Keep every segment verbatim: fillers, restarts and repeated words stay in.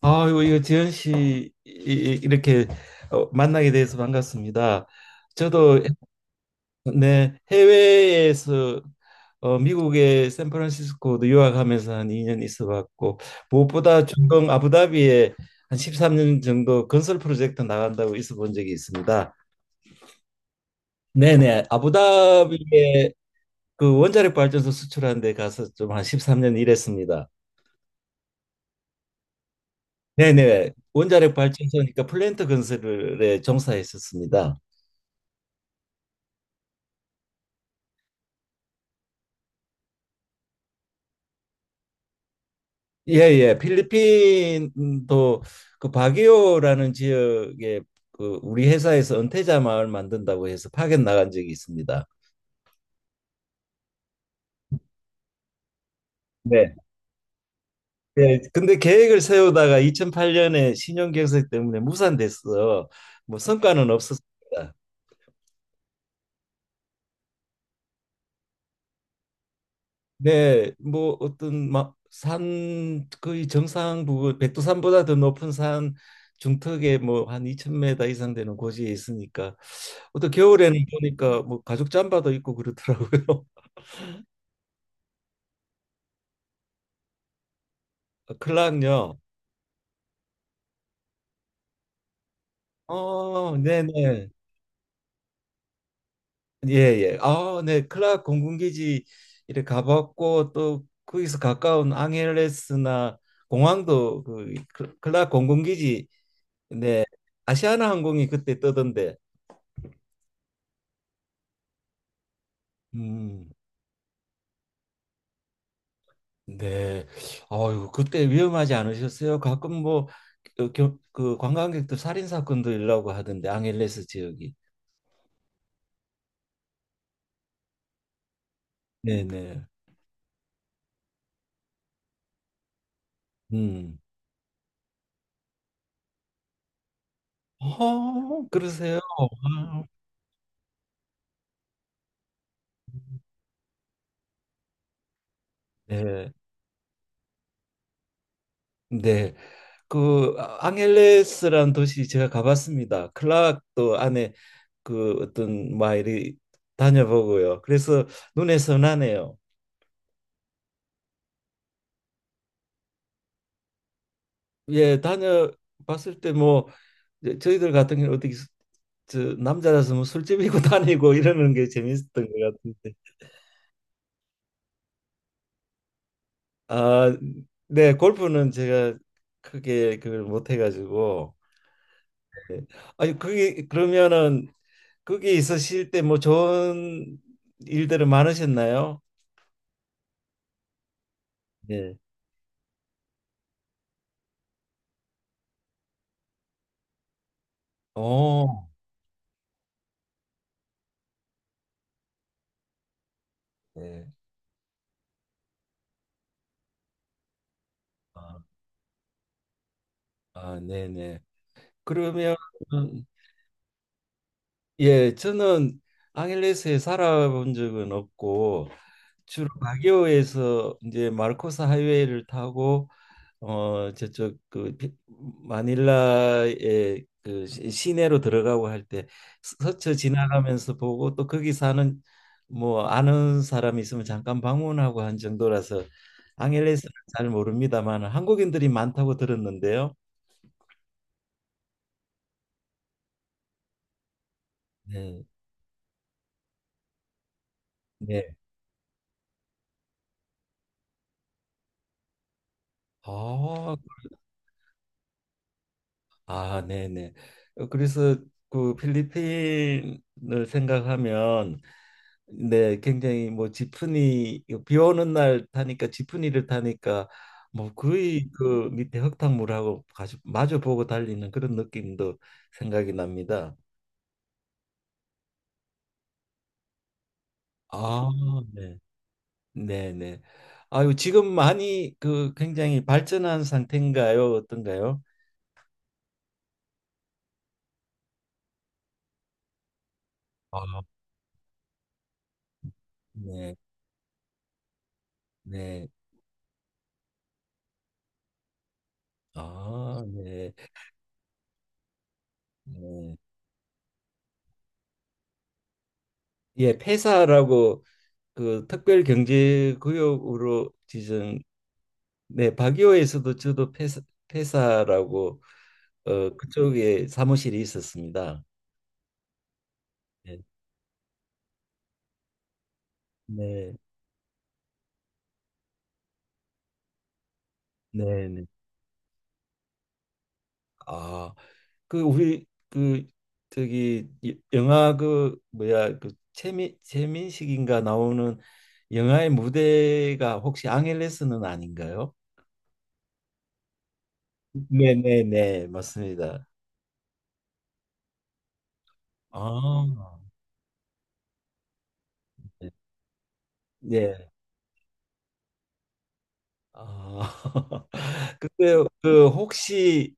아이고, 이거 지현 씨 이- 이- 이렇게 어, 만나게 돼서 반갑습니다. 저도. 네, 해외에서 어, 미국의 샌프란시스코도 유학하면서 한 이 년 있어봤고, 무엇보다 중동 아부다비에 한 십삼 년 정도 건설 프로젝트 나간다고 있어본 적이 있습니다. 네네 아부다비에 그 원자력 발전소 수출하는 데 가서 좀 한 십삼 년 일했습니다. 네네 원자력 발전소니까 플랜트 건설에 종사했었습니다. 예, 예. 필리핀도 그 바기오라는 지역에 그 우리 회사에서 은퇴자 마을 만든다고 해서 파견 나간 적이 있습니다. 네. 예. 근데 계획을 세우다가 이천팔 년에 신용 경색 때문에 무산됐어. 뭐 성과는 없었습니다. 네. 뭐 어떤 막산 거의 정상 부근 백두산보다 더 높은 산 중턱에 뭐 한이천 메영 이상 되는 고지에 있으니까, 어떤 겨울에는 보니까 뭐 가죽 잠바도 입고 그러더라고요. 어, 클락요. 어, 네네. 예예. 아, 네. 클락 공군기지 이렇게 가봤고, 또 거기서 가까운 앙헬레스나 공항도 그 클- 클락 공군기지. 네. 아시아나 항공이 그때 뜨던데. 음. 네. 아유, 그때 위험하지 않으셨어요? 가끔 뭐 어, 겨- 그 관광객들 살인 사건도 일라고 하던데, 앙헬레스 지역이. 네네. 음. 어, 그러세요? 아, 네. 네. 그, 아, 앙헬레스라는 도시 제가 가봤습니다. 클락도 안에 그 어떤 마을이 다녀보고요. 그래서 눈에 선하네요. 예, 다녀봤을 때 뭐 저희들 같은 경우 어떻게 수- 저 남자라서 뭐 술집이고 다니고 이러는 게 재밌었던 것 같은데. 아, 네, 골프는 제가 크게 그걸 못 해가지고. 네. 아니, 그게 그러면은 거기 있으실 때 뭐 좋은 일들은 많으셨나요? 네. 오, 네. 아, 아, 네네. 그러면, 음, 예, 저는 앙헬레스에 살아본 적은 없고, 주로 바기오에서 이제 마르코스 하이웨이를 타고, 어 저쪽 그 비- 마닐라의 그 시- 시내로 들어가고 할 때 스쳐 지나가면서 보고, 또 거기 사는 뭐 아는 사람이 있으면 잠깐 방문하고 한 정도라서 앙헬레스는 잘 모릅니다만, 한국인들이 많다고 들었는데요. 네, 네. 아, 아, 네, 네. 그래서 그 필리핀을 생각하면, 네, 굉장히 뭐 지프니, 비 오는 날 타니까 지프니를 타니까 뭐 거의 그 밑에 흙탕물하고 가시, 마주 보고 달리는 그런 느낌도 생각이 납니다. 아, 네, 네, 네. 아유, 지금 많이 그 굉장히 발전한 상태인가요? 어떤가요? 아, 네, 네. 아, 네. 네. 예, 폐사라고 그 특별경제구역으로 지정. 네, 박이호에서도 저도 회사, 회사라고 어, 그쪽에 사무실이 있었습니다. 네, 네, 네. 네. 아, 그 우리 그 저기 이- 영화 그 뭐야, 그 최민 최민식인가 나오는 영화의 무대가 혹시 앙헬레스는 아닌가요? 네, 네, 네, 맞습니다. 아, 네. 네. 아, 근데 그 혹시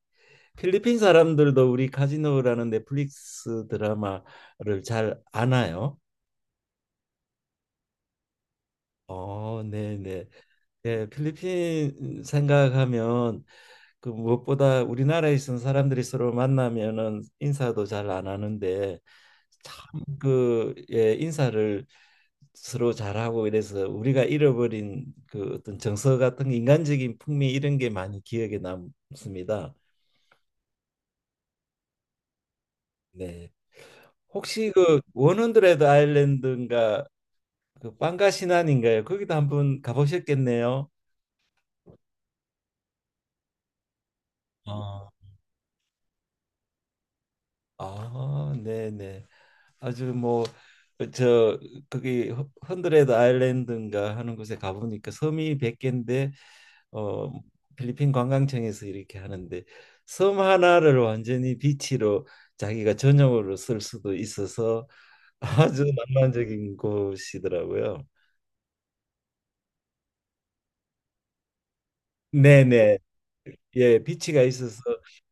필리핀 사람들도 우리 카지노라는 넷플릭스 드라마를 잘 아나요? 어, 네네. 예, 필리핀 생각하면 그 무엇보다 우리나라에 있는 사람들이 서로 만나면은 인사도 잘 안 하는데, 참 그 예, 인사를 서로 잘하고 이래서 우리가 잃어버린 그 어떤 정서 같은 게, 인간적인 풍미 이런 게 많이 기억에 남습니다. 네. 혹시 그 원헌드레드 아일랜드인가 그 빵가 신안인가요? 거기도 한번 가보셨겠네요. 아, 아, 네네. 아주 뭐 저, 거기 헌- 헌드레드 아일랜드인가 하는 곳에 가보니까 섬이 백 개인데, 어 필리핀 관광청에서 이렇게 하는데, 섬 하나를 완전히 비치로 자기가 전용으로 쓸 수도 있어서 아주 낭만적인 곳이더라고요. 네네. 예, 비치가 있어서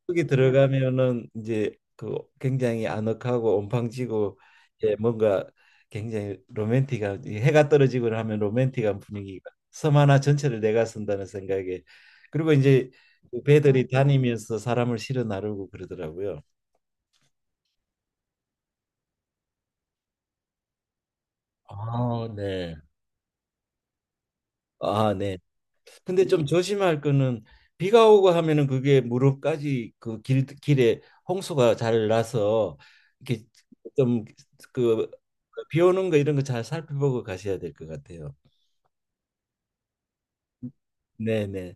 거기 들어가면은 이제 그 굉장히 아늑하고 온팡지고, 예, 뭔가 굉장히 로맨틱한, 이 해가 떨어지고 하면 로맨틱한 분위기가 섬 하나 전체를 내가 쓴다는 생각에. 그리고 이제 그 배들이 다니면서 사람을 실어 나르고 그러더라고요. 아, 네. 아, 네. 근데 좀 조심할 거는, 비가 오고 하면은 그게 무릎까지 그 길 길에 홍수가 잘 나서, 이렇게 좀그비 오는 거 이런 거 잘 살펴보고 가셔야 될 것 같아요. 네네.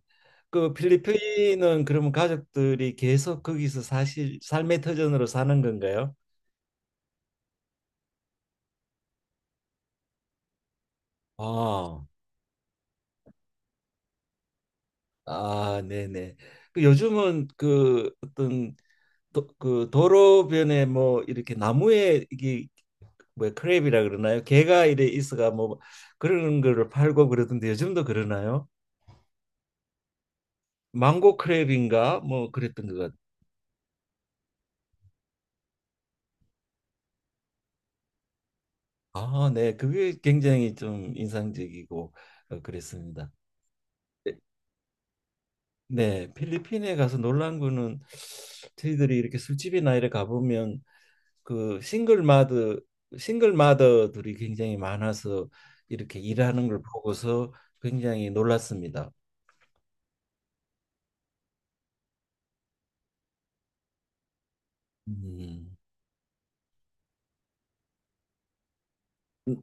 그 필리핀은 그러면 가족들이 계속 거기서 사실 삶의 터전으로 사는 건가요? 아, 아, 네네. 그 요즘은 그 어떤 도, 그 도로변에 뭐 이렇게 나무에 이게 뭐 크랩이라 그러나요? 게가 이래 있어가 뭐 그런 거를 팔고 그러던데 요즘도 그러나요? 망고 크랩인가 뭐 그랬던 것 같아요. 아, 네. 그게 굉장히 좀 인상적이고 어, 그랬습니다. 네, 필리핀에 가서 놀란 거는, 저희들이 이렇게 술집이나 이래 가보면 그 싱글 마더 싱글 마더들이 굉장히 많아서 이렇게 일하는 걸 보고서 굉장히 놀랐습니다. 음.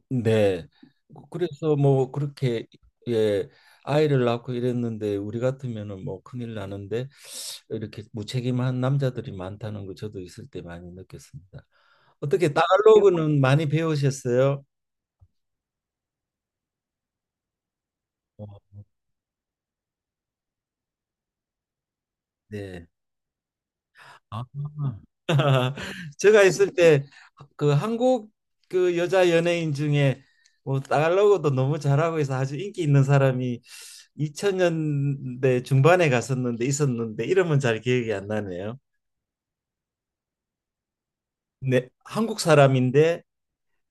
네. 그, 그래서 뭐 그렇게 예, 아이를 낳고 이랬는데 우리 같으면은 뭐 큰일 나는데, 이렇게 무책임한 남자들이 많다는 거 저도 있을 때 많이 느꼈습니다. 어떻게 따갈로그는 많이 배우셨어요? 어, 네. 아. 제가 있을 때 그 한국 그 여자 연예인 중에 뭐 달러고도 너무 잘하고 해서 아주 인기 있는 사람이 이천 년대 중반에 갔었는데 있었는데, 이름은 잘 기억이 안 나네요. 네, 한국 사람인데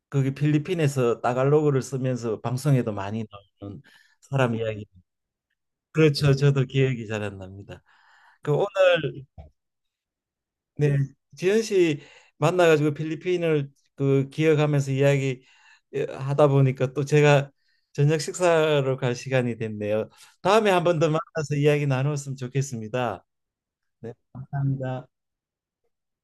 거기 필리핀에서 따갈로그를 쓰면서 방송에도 많이 나오는 사람 이야기. 그렇죠. 저도 기억이 잘 안 납니다. 그 오늘, 네, 지현 씨 만나가지고 필리핀을 그 기억하면서 이야기, 예, 하다 보니까 또 제가 저녁 식사로 갈 시간이 됐네요. 다음에 한 번 더 만나서 이야기 나누었으면 좋겠습니다. 네, 감사합니다.